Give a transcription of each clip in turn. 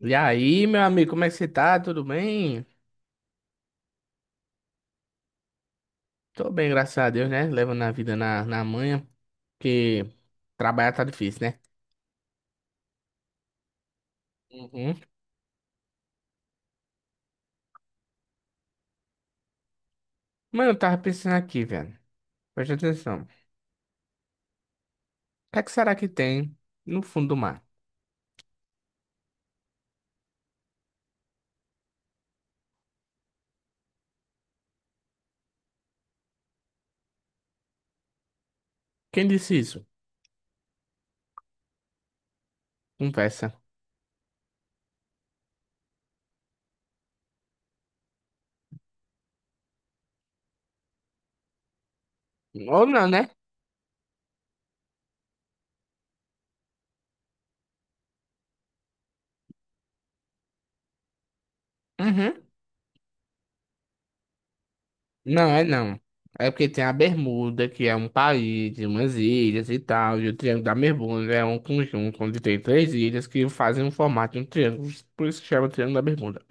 E aí, meu amigo, como é que você tá? Tudo bem? Tô bem, graças a Deus, né? Levando a vida na manha, porque trabalhar tá difícil, né? Uhum. Mano, eu tava pensando aqui, velho. Presta atenção. O que é que será que tem no fundo do mar? Quem disse isso? Conversa. Ou não, né? Uhum. Não, é não. É porque tem a Bermuda, que é um país, umas ilhas e tal, e o Triângulo da Bermuda é um conjunto onde tem três ilhas que fazem um formato de um triângulo, por isso que chama Triângulo da Bermuda.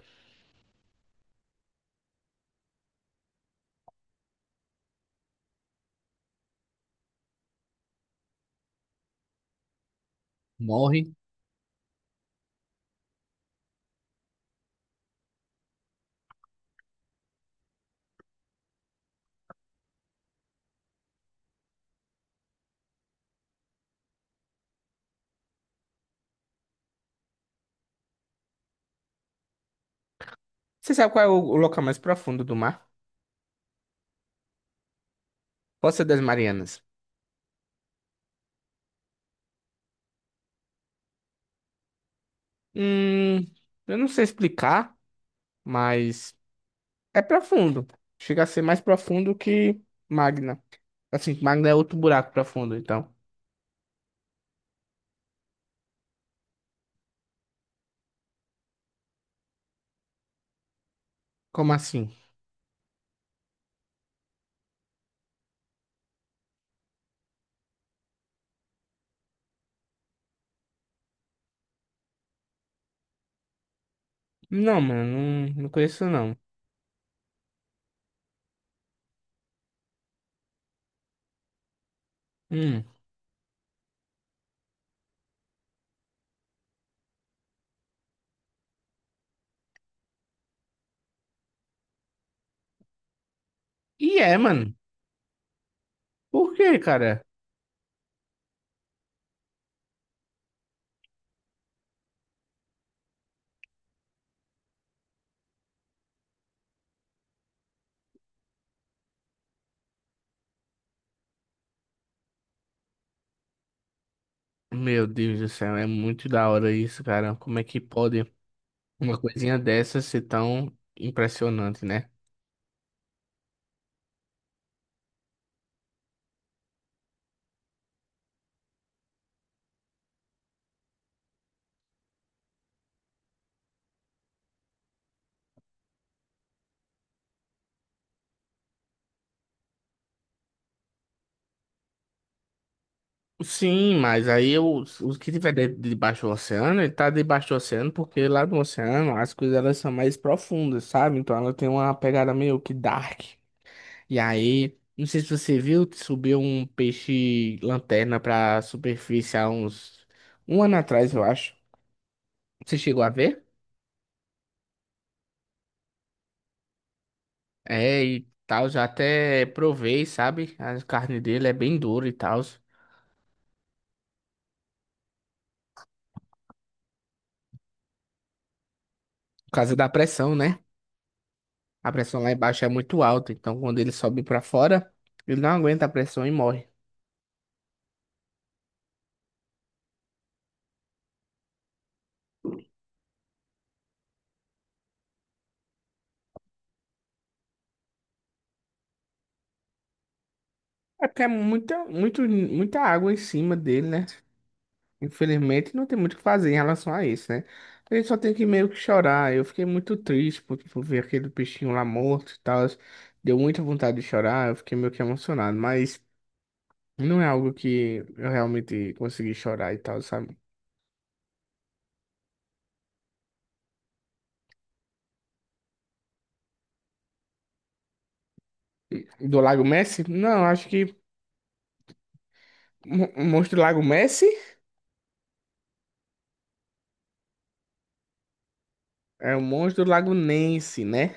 Você sabe qual é o local mais profundo do mar? Fossa das Marianas. Hum, eu não sei explicar, mas é profundo. Chega a ser mais profundo que Magna. Assim, Magna é outro buraco profundo, então. Como assim? Não, mano, não conheço não. Hum. E é, mano. Por quê, cara? Meu Deus do céu, é muito da hora isso, cara. Como é que pode uma coisinha dessa ser tão impressionante, né? Sim, mas aí o que tiver dentro debaixo do oceano, ele tá debaixo do oceano, porque lá no oceano as coisas elas são mais profundas, sabe? Então ela tem uma pegada meio que dark. E aí, não sei se você viu, subiu um peixe lanterna pra superfície há uns um ano atrás, eu acho. Você chegou a ver? É, e tal, já até provei, sabe? A carne dele é bem dura e tal, por causa da pressão, né? A pressão lá embaixo é muito alta, então quando ele sobe para fora, ele não aguenta a pressão e morre. É porque é muita água em cima dele, né? Infelizmente, não tem muito o que fazer em relação a isso, né? A gente só tem que meio que chorar. Eu fiquei muito triste por ver aquele peixinho lá morto e tal. Deu muita vontade de chorar, eu fiquei meio que emocionado, mas não é algo que eu realmente consegui chorar e tal, sabe? Do Lago Messi? Não, acho que o monstro do Lago Messi é o monstro do Lago Ness, né?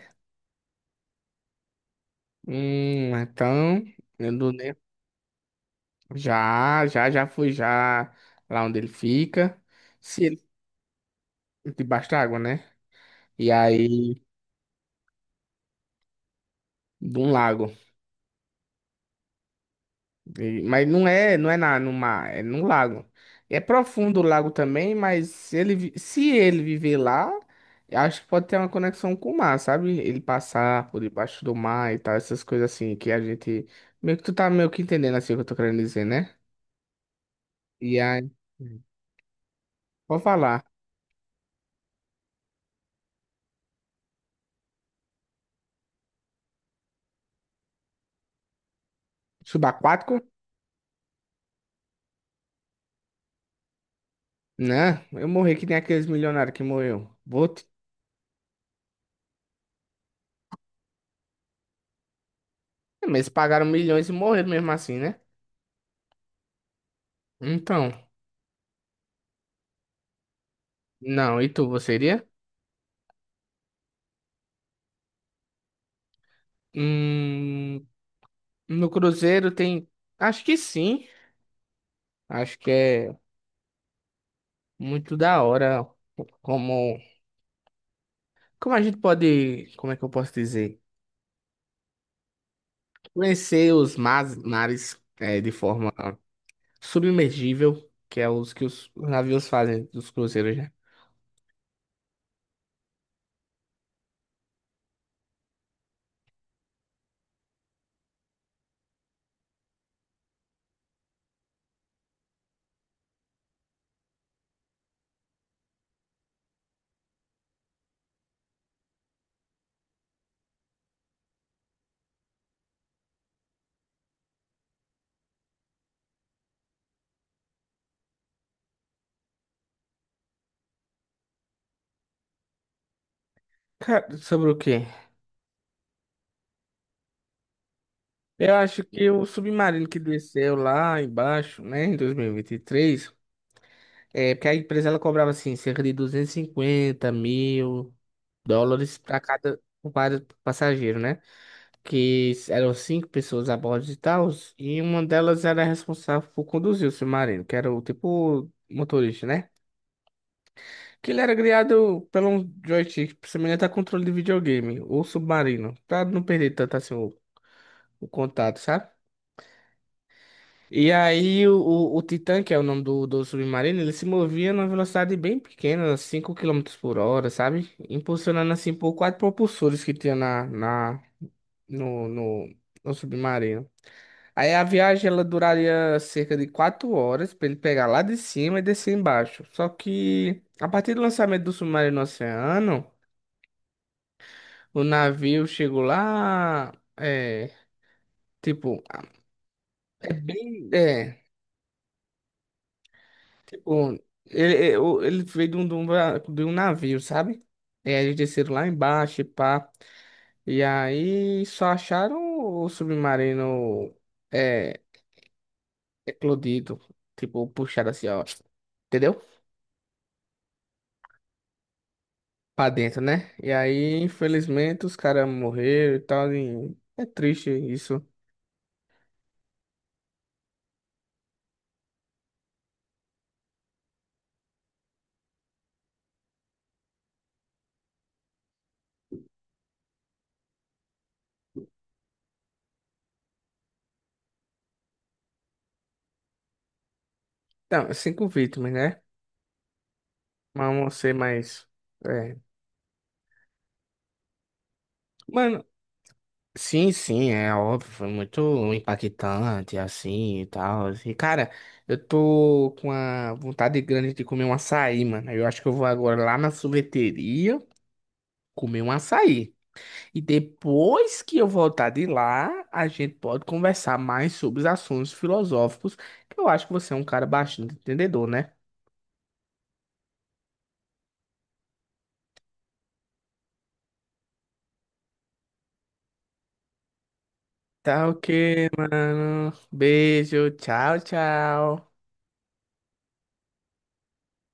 Hum, então, eu não lembro. Já fui já lá onde ele fica. Se ele debaixo d'água, né? E aí, de um lago. Mas não é, no mar, é num lago. É profundo o lago também, mas se ele, se ele viver lá, eu acho que pode ter uma conexão com o mar, sabe? Ele passar por debaixo do mar e tal, essas coisas assim que a gente meio que tu tá meio que entendendo assim o que eu tô querendo dizer, né? E aí, vou falar. Subaquático? Né? Eu morri que nem aqueles milionários que morreu. É, mas eles pagaram milhões e morreram mesmo assim, né? Então, não, e tu, você iria? Hum, no Cruzeiro tem. Acho que sim. Acho que é muito da hora como. Como a gente pode. Como é que eu posso dizer? Conhecer os mares é, de forma submergível, que é os que os navios fazem dos cruzeiros, né? Cara, sobre o quê? Eu acho que o submarino que desceu lá embaixo, né, em 2023, é porque a empresa ela cobrava assim, cerca de 250 mil dólares para cada para passageiro, né? Que eram cinco pessoas a bordo e tal, e uma delas era responsável por conduzir o submarino, que era o tipo motorista, né? Que ele era criado pelo um joystick semelhante a controle de videogame, ou submarino, para não perder tanto assim o contato, sabe? E aí o Titã, que é o nome do submarino, ele se movia numa velocidade bem pequena, 5 km/h, sabe? Impulsionando assim por quatro propulsores que tinha na, na, no, no, no submarino. Aí a viagem ela duraria cerca de 4 horas para ele pegar lá de cima e descer embaixo. Só que a partir do lançamento do submarino no oceano, o navio chegou lá, é, tipo, é bem, é, Tipo, ele, eu- ele veio de um navio, sabe? E aí eles desceram lá embaixo e pá. E aí só acharam o submarino é, eclodido. Tipo, puxado assim, ó. Entendeu? Pra dentro, né? E aí, infelizmente, os caras morreram e tal. E é triste isso. Então, cinco vítimas, né? Mas vamos ser mais. É. Mano, Sim, sim, é óbvio, foi muito impactante, assim, e tal. E, cara, eu tô com uma vontade grande de comer um açaí, mano. Eu acho que eu vou agora lá na sorveteria comer um açaí. E depois que eu voltar de lá, a gente pode conversar mais sobre os assuntos filosóficos, que eu acho que você é um cara bastante entendedor, né? Tá ok, mano. Beijo, tchau, tchau.